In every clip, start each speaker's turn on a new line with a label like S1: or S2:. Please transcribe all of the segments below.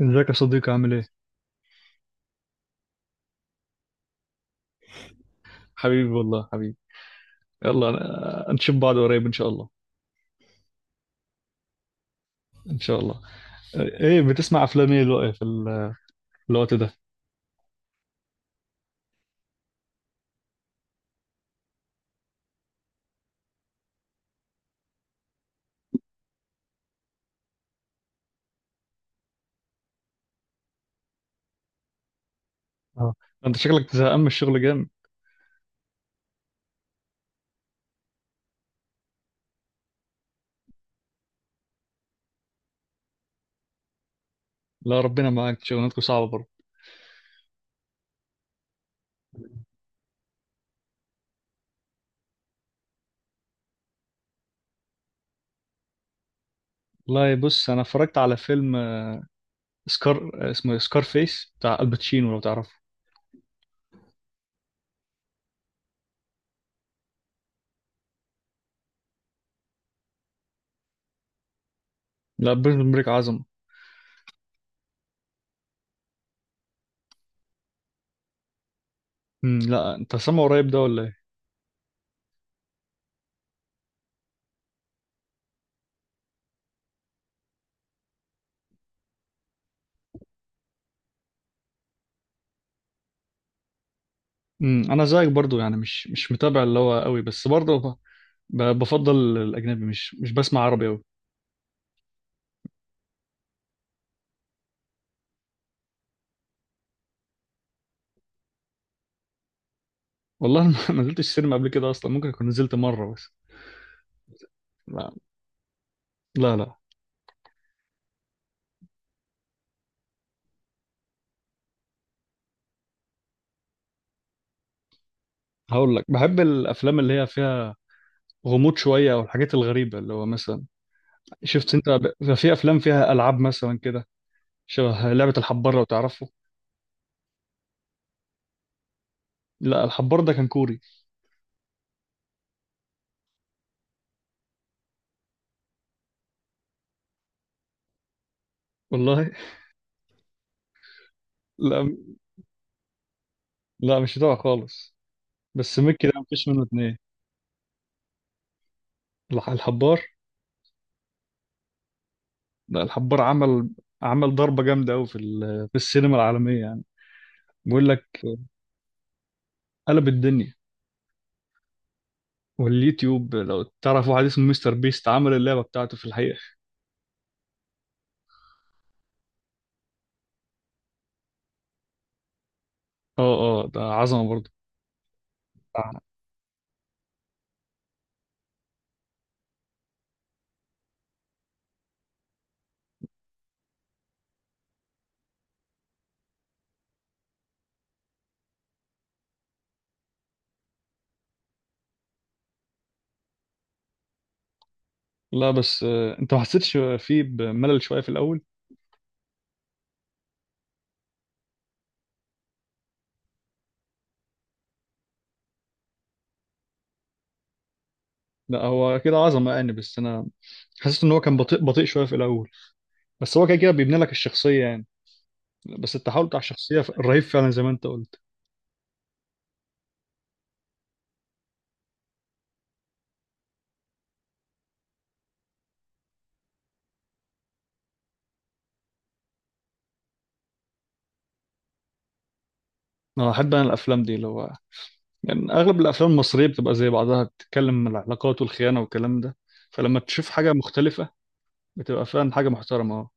S1: ازيك يا صديقي، عامل ايه؟ حبيبي والله حبيبي. يلا. نشوف بعض قريب ان شاء الله. ان شاء الله. ايه بتسمع افلام ايه الوقت في الوقت ده؟ اه، انت شكلك زهقان من الشغل جامد. لا، ربنا معاك، شغلانتكم صعبة برضه. والله بص انا اتفرجت على فيلم سكار، اسمه سكار فيس بتاع الباتشينو لو تعرفه. لا، بريزون بريك عظمة. لا، انت سامعه قريب ده ولا ايه؟ انا زيك برضه، يعني مش متابع اللي هو قوي، بس برضه بفضل الاجنبي، مش بسمع عربي قوي. والله ما ما نزلتش السينما قبل كده اصلا، ممكن اكون نزلت مره بس. لا. لا، لا. هقول لك بحب الافلام اللي هي فيها غموض شويه او الحاجات الغريبه اللي هو مثلا شفت انت، بيبقى في افلام فيها العاب مثلا كده، شبه لعبه الحبار لو تعرفه. لا، الحبار ده كان كوري. والله لا، لا، مش بتاعه خالص. بس ميكي ده مفيش منه اتنين. الحبار. لا الحبار عمل، عمل ضربه جامده قوي في السينما العالميه يعني. بيقول لك قلب الدنيا. واليوتيوب لو تعرف واحد اسمه مستر بيست عمل اللعبة بتاعته في الحقيقة. اه، اه، ده عظمة برضه. لا بس انت ما حسيتش فيه بملل شوية في الأول؟ لا هو كده عظمة يعني، بس أنا حسيت إن هو كان بطيء بطيء شوية في الأول. بس هو كده كده بيبني لك الشخصية يعني. بس التحول بتاع الشخصية رهيب فعلا، زي ما أنت قلت. أنا الأفلام دي اللي هو، يعني أغلب الأفلام المصرية بتبقى زي بعضها، بتتكلم عن العلاقات والخيانة والكلام ده. فلما تشوف حاجة مختلفة، بتبقى فعلا حاجة محترمة.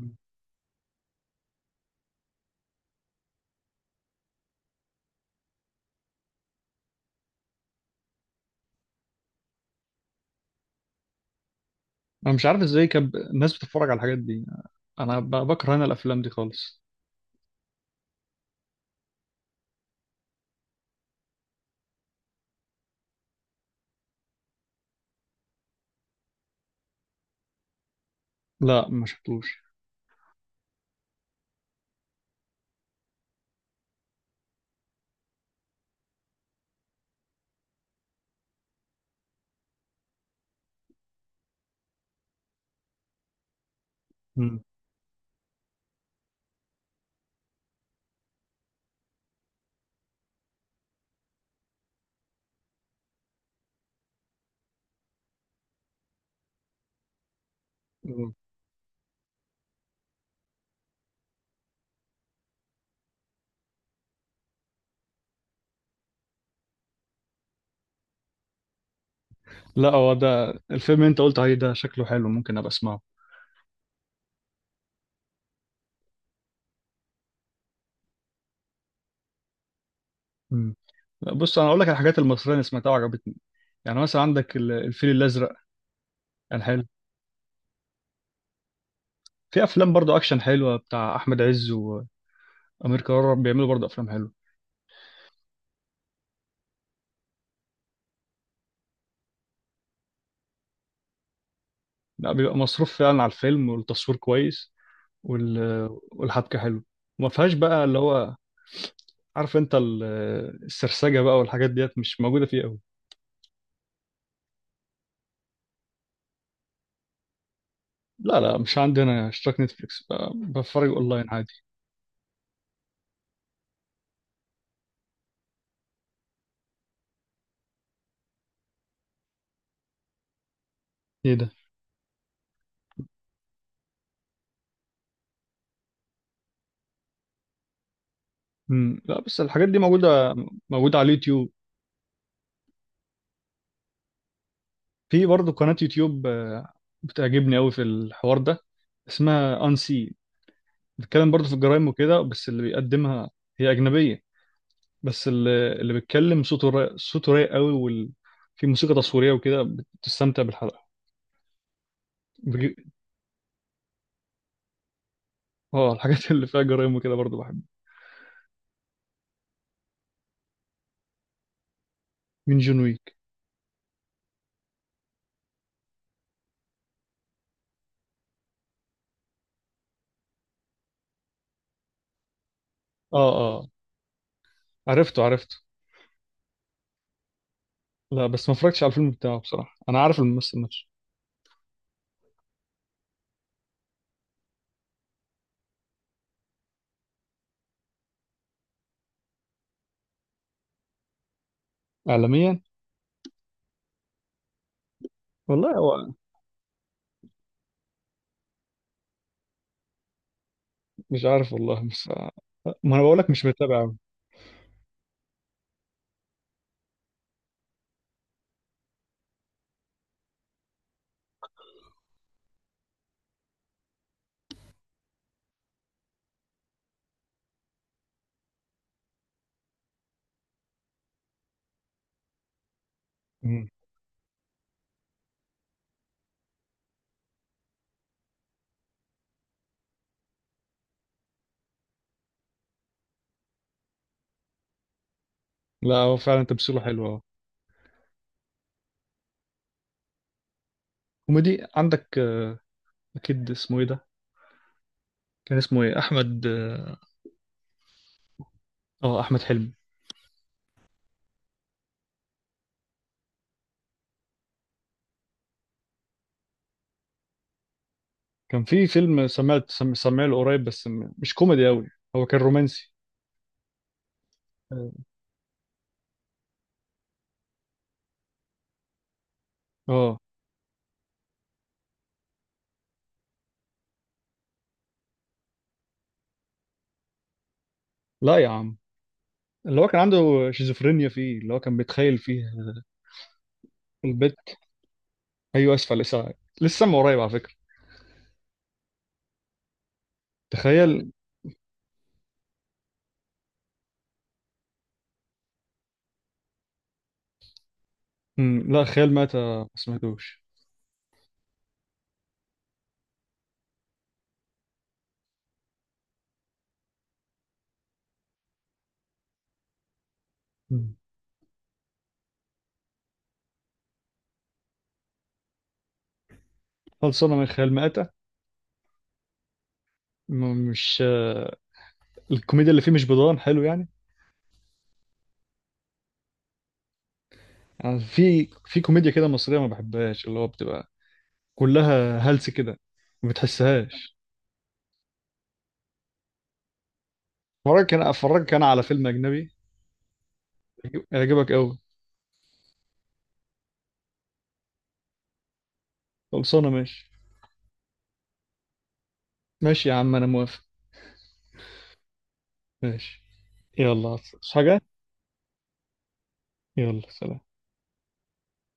S1: أه. انا مش عارف ازاي كان الناس بتتفرج على الحاجات دي. انا بكره انا الافلام دي خالص. لا، ما شفتوش. مم. مم. لا، هو ده الفيلم اللي انت قلت عليه، ده شكله حلو، ممكن ابقى اسمعه. مم. لا، بص انا اقول لك على الحاجات المصريه اللي سمعتها وعجبتني. يعني مثلا عندك الفيل الازرق، كان حلو. في افلام برضو اكشن حلوه بتاع احمد عز وامير كرارة، بيعملوا برضو افلام حلوه. لا بيبقى مصروف فعلا على الفيلم، والتصوير كويس، وال... والحبكه حلوه، وما فيهاش بقى اللي هو، عارف انت السرسجة بقى والحاجات ديت مش موجودة فيه قوي. لا، لا، مش عندي انا اشتراك نتفليكس، بتفرج اونلاين عادي. ايه ده؟ مم. لا بس الحاجات دي موجودة، موجودة على اليوتيوب. في برضه قناة يوتيوب بتعجبني قوي في الحوار ده، اسمها انسي، بتتكلم برضه في الجرائم وكده، بس اللي بيقدمها هي أجنبية. بس اللي بيتكلم صوته رايق، صوته رايق قوي، في موسيقى تصويرية وكده، بتستمتع بالحلقة. بج... اه، الحاجات اللي فيها جرائم وكده برضه بحب. مين جون وي؟ اه، اه، عرفته عرفته. لا بس ما اتفرجتش على الفيلم بتاعه بصراحة، انا عارف الممثل نفسه. اعلاميا. والله هو مش عارف والله، بس ما انا بقول لك مش متابع أوي. مم. لا، هو فعلا تمثيله حلو، اه. كوميدي عندك اكيد اسمه ايه ده، كان اسمه ايه، احمد، اه. احمد حلمي. كان في فيلم سمعت سمعه له قريب، بس مش كوميدي قوي، هو كان رومانسي. اه. آه. لا يا عم، اللي هو كان عنده شيزوفرينيا فيه، اللي هو كان بيتخيل فيها البت. ايوه، اسف على الازعاج. لسه من قريب على فكرة. تخيل. مم. لا خيال مآتة ما سمعتوش. مم. خلصانة من خيال مآتة. مش الكوميديا اللي فيه مش بضان حلو يعني. يعني في كوميديا كده مصرية ما بحبهاش اللي هو بتبقى كلها هلس كده، ما بتحسهاش. اتفرجك انا على فيلم اجنبي يعجبك قوي. خلصانة، ماشي. ماشي يا عم، انا موافق. ماشي. يلا، عايز حاجة؟ يلا، سلام.